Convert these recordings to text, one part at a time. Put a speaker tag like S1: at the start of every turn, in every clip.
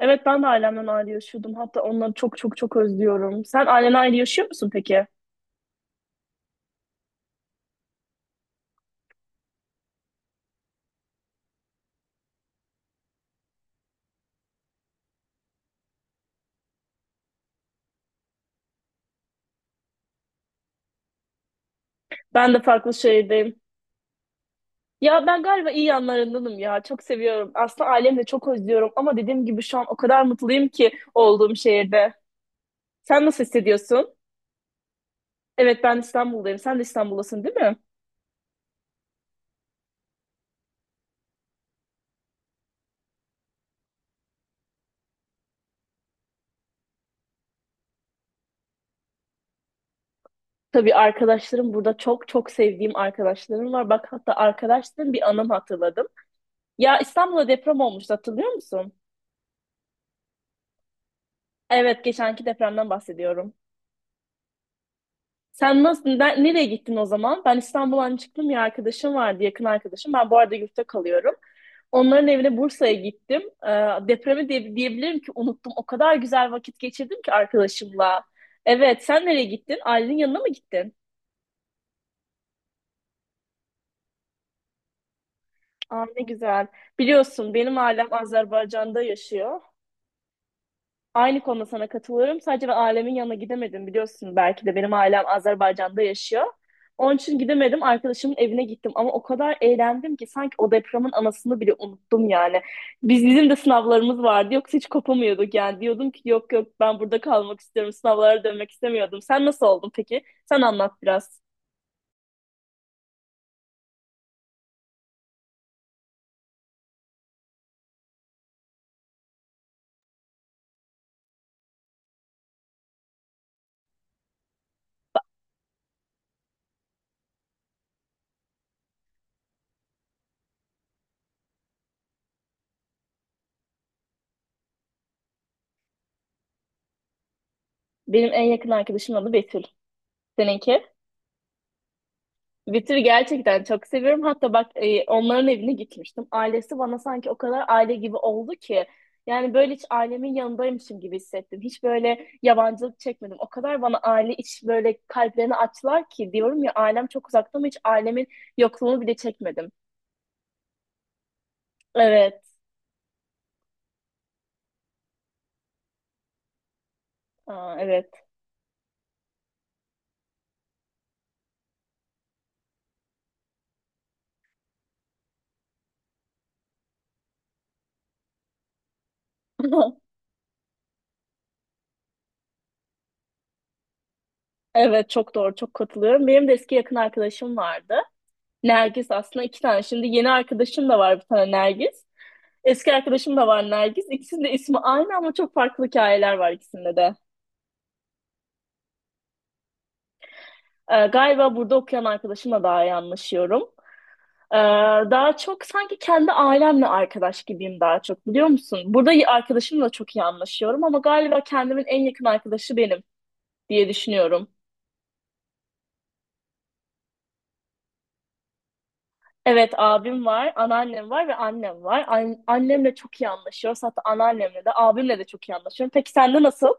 S1: Evet ben de ailemden ayrı yaşıyordum. Hatta onları çok çok çok özlüyorum. Sen ailenle ayrı yaşıyor musun peki? Ben de farklı şehirdeyim. Ya ben galiba iyi yanlarındanım ya. Çok seviyorum. Aslında ailemi de çok özlüyorum. Ama dediğim gibi şu an o kadar mutluyum ki olduğum şehirde. Sen nasıl hissediyorsun? Evet ben İstanbul'dayım. Sen de İstanbul'dasın değil mi? Tabii arkadaşlarım burada çok çok sevdiğim arkadaşlarım var. Bak hatta arkadaşlarım bir anım hatırladım. Ya İstanbul'da deprem olmuştu hatırlıyor musun? Evet, geçenki depremden bahsediyorum. Sen nasıl, nereye gittin o zaman? Ben İstanbul'dan çıktım, bir arkadaşım vardı, yakın arkadaşım. Ben bu arada yurtta kalıyorum. Onların evine Bursa'ya gittim. Depremi diyebilirim ki unuttum. O kadar güzel vakit geçirdim ki arkadaşımla. Evet, sen nereye gittin? Ailenin yanına mı gittin? Aa, ne güzel. Biliyorsun benim ailem Azerbaycan'da yaşıyor. Aynı konuda sana katılıyorum. Sadece ben ailemin yanına gidemedim biliyorsun belki de benim ailem Azerbaycan'da yaşıyor. Onun için gidemedim. Arkadaşımın evine gittim ama o kadar eğlendim ki sanki o depremin anasını bile unuttum yani. Bizim de sınavlarımız vardı. Yoksa hiç kopamıyorduk yani. Diyordum ki yok yok ben burada kalmak istiyorum. Sınavlara dönmek istemiyordum. Sen nasıl oldun peki? Sen anlat biraz. Benim en yakın arkadaşımın adı Betül. Seninki? Witcher'ı gerçekten çok seviyorum. Hatta bak onların evine gitmiştim. Ailesi bana sanki o kadar aile gibi oldu ki. Yani böyle hiç ailemin yanındaymışım gibi hissettim. Hiç böyle yabancılık çekmedim. O kadar bana aile iç böyle kalplerini açtılar ki diyorum ya ailem çok uzakta ama hiç ailemin yokluğunu bile çekmedim. Evet. Aa, evet. Evet çok doğru çok katılıyorum. Benim de eski yakın arkadaşım vardı. Nergis aslında iki tane. Şimdi yeni arkadaşım da var bir tane Nergis. Eski arkadaşım da var Nergis. İkisinin de ismi aynı ama çok farklı hikayeler var ikisinde de. Galiba burada okuyan arkadaşımla daha iyi anlaşıyorum. Ee, daha çok sanki kendi ailemle arkadaş gibiyim daha çok biliyor musun? Burada arkadaşımla çok iyi anlaşıyorum ama galiba kendimin en yakın arkadaşı benim diye düşünüyorum. Evet abim var, anneannem var ve annem var. Annemle çok iyi anlaşıyoruz. Hatta anneannemle de abimle de çok iyi anlaşıyorum. Peki sende nasıl?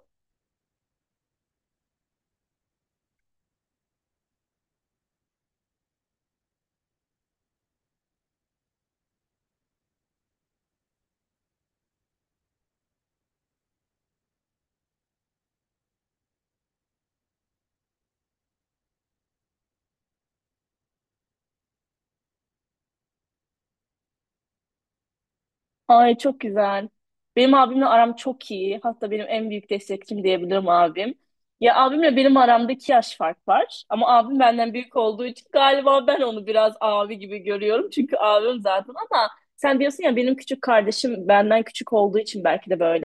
S1: Ay çok güzel. Benim abimle aram çok iyi. Hatta benim en büyük destekçim diyebilirim abim. Ya abimle benim aramda iki yaş fark var. Ama abim benden büyük olduğu için galiba ben onu biraz abi gibi görüyorum. Çünkü abim zaten ama sen diyorsun ya benim küçük kardeşim benden küçük olduğu için belki de böyle.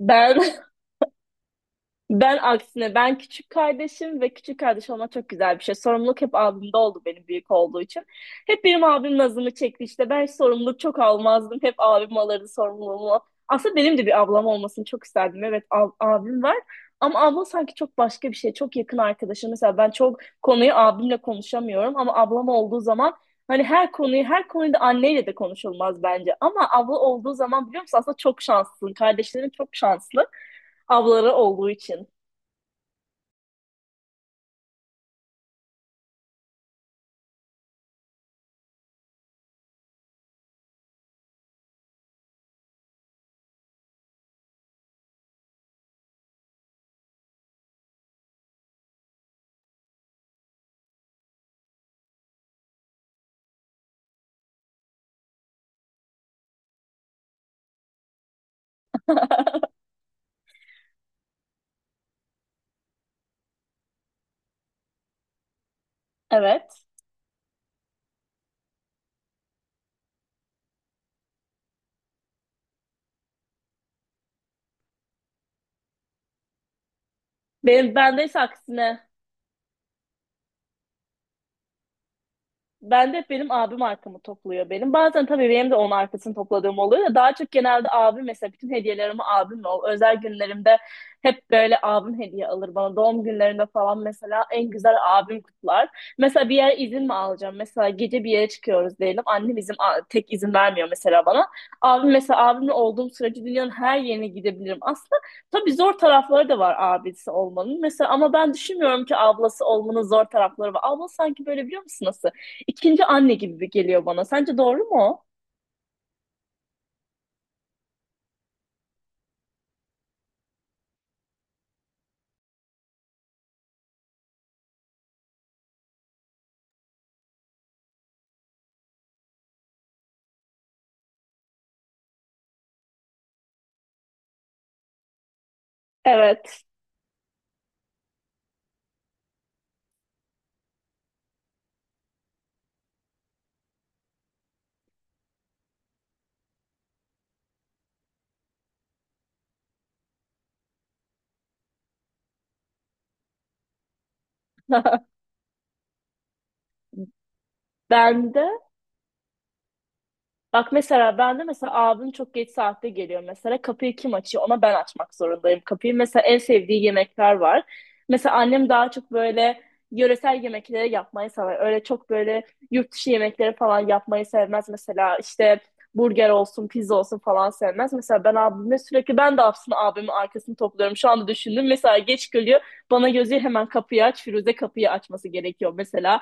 S1: Ben Ben aksine ben küçük kardeşim ve küçük kardeş olmak çok güzel bir şey. Sorumluluk hep abimde oldu benim büyük olduğu için. Hep benim abim nazımı çekti işte. Ben hiç sorumluluk çok almazdım. Hep abim alırdı sorumluluğumu. Aslında benim de bir ablam olmasını çok isterdim. Evet abim var. Ama abla sanki çok başka bir şey. Çok yakın arkadaşım. Mesela ben çok konuyu abimle konuşamıyorum. Ama ablam olduğu zaman hani her konuyu her konuda anneyle de konuşulmaz bence. Ama abla olduğu zaman biliyor musun aslında çok şanslısın. Kardeşlerin çok şanslı ablaları olduğu için. Evet. Benim bende ise aksine. Ben de hep benim abim arkamı topluyor benim. Bazen tabii benim de onun arkasını topladığım oluyor da daha çok genelde abim mesela bütün hediyelerimi abimle ol. Özel günlerimde hep böyle abim hediye alır bana. Doğum günlerinde falan mesela en güzel abim kutlar. Mesela bir yere izin mi alacağım? Mesela gece bir yere çıkıyoruz diyelim. Annem tek izin vermiyor mesela bana. Abim mesela abimle olduğum sürece dünyanın her yerine gidebilirim. Aslında tabii zor tarafları da var abisi olmanın. Mesela ama ben düşünmüyorum ki ablası olmanın zor tarafları var. Abla sanki böyle biliyor musun nasıl? İkinci anne gibi geliyor bana. Sence doğru mu? Evet. Ben de Bak mesela ben de mesela abim çok geç saatte geliyor mesela kapıyı kim açıyor ona ben açmak zorundayım kapıyı. Mesela en sevdiği yemekler var. Mesela annem daha çok böyle yöresel yemekleri yapmayı sever. Öyle çok böyle yurt dışı yemekleri falan yapmayı sevmez. Mesela işte burger olsun pizza olsun falan sevmez. Mesela ben abime sürekli ben de aslında abimin arkasını topluyorum. Şu anda düşündüm mesela geç geliyor bana gözü hemen kapıyı aç Firuze kapıyı açması gerekiyor mesela.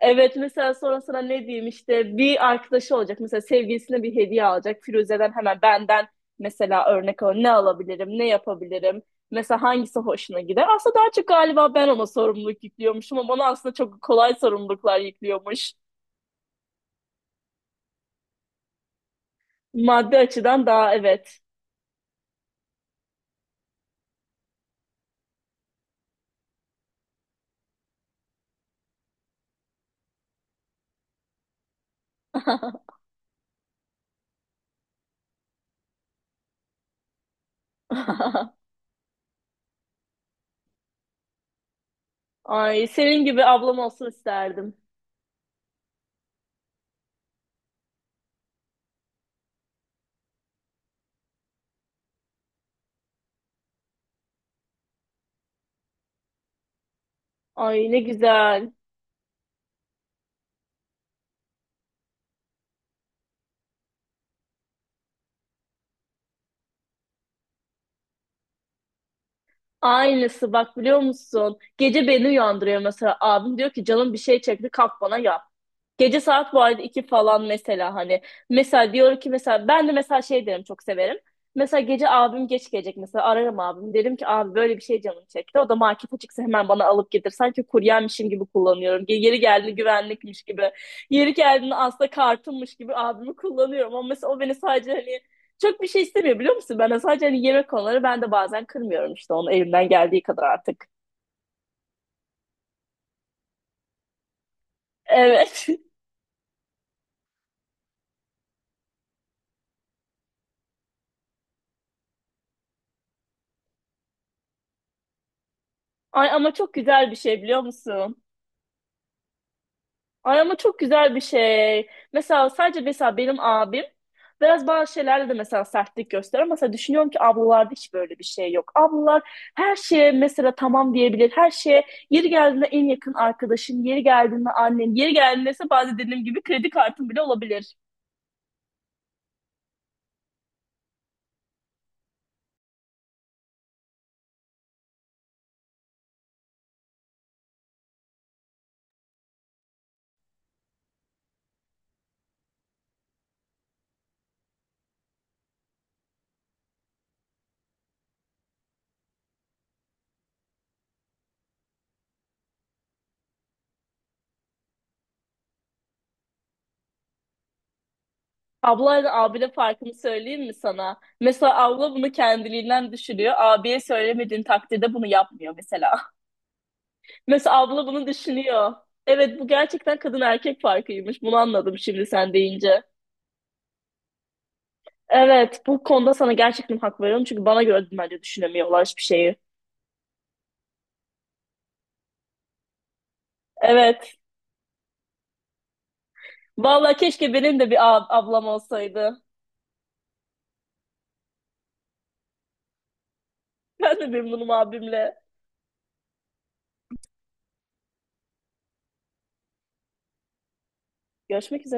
S1: Evet mesela sonra sana ne diyeyim işte bir arkadaşı olacak mesela sevgilisine bir hediye alacak Firuze'den hemen benden mesela örnek al ne alabilirim ne yapabilirim mesela hangisi hoşuna gider aslında daha çok galiba ben ona sorumluluk yüklüyormuşum ama ona aslında çok kolay sorumluluklar yüklüyormuş maddi açıdan daha evet. Ay senin gibi ablam olsun isterdim. Ay ne güzel. Aynısı bak biliyor musun gece beni uyandırıyor mesela abim diyor ki canım bir şey çekti kalk bana yap. Gece saat bu arada 2 falan mesela hani. Mesela diyor ki mesela ben de mesela şey derim çok severim. Mesela gece abim geç gelecek mesela ararım abim. Derim ki abi böyle bir şey canım çekti. O da market açıksa hemen bana alıp getir. Sanki kuryenmişim gibi kullanıyorum. Yeri geldiğinde güvenlikmiş gibi. Yeri geldiğinde aslında kartımmış gibi abimi kullanıyorum. Ama mesela o beni sadece hani çok bir şey istemiyor biliyor musun? Ben de sadece hani yemek konuları ben de bazen kırmıyorum işte onu elimden geldiği kadar artık. Evet. Ay ama çok güzel bir şey biliyor musun? Ay ama çok güzel bir şey. Mesela sadece mesela benim abim biraz bazı şeylerde de mesela sertlik gösterir. Ama mesela düşünüyorum ki ablalarda hiç böyle bir şey yok. Ablalar her şeye mesela tamam diyebilir. Her şeye yeri geldiğinde en yakın arkadaşın, yeri geldiğinde annen, yeri geldiğinde ise bazen dediğim gibi kredi kartın bile olabilir. Ablayla abide farkını söyleyeyim mi sana? Mesela abla bunu kendiliğinden düşünüyor. Abiye söylemediğin takdirde bunu yapmıyor mesela. Mesela abla bunu düşünüyor. Evet bu gerçekten kadın erkek farkıymış. Bunu anladım şimdi sen deyince. Evet bu konuda sana gerçekten hak veriyorum. Çünkü bana göre bence düşünemiyorlar hiçbir şeyi. Evet. Vallahi keşke benim de bir ablam olsaydı. Ben de memnunum abimle. Görüşmek üzere.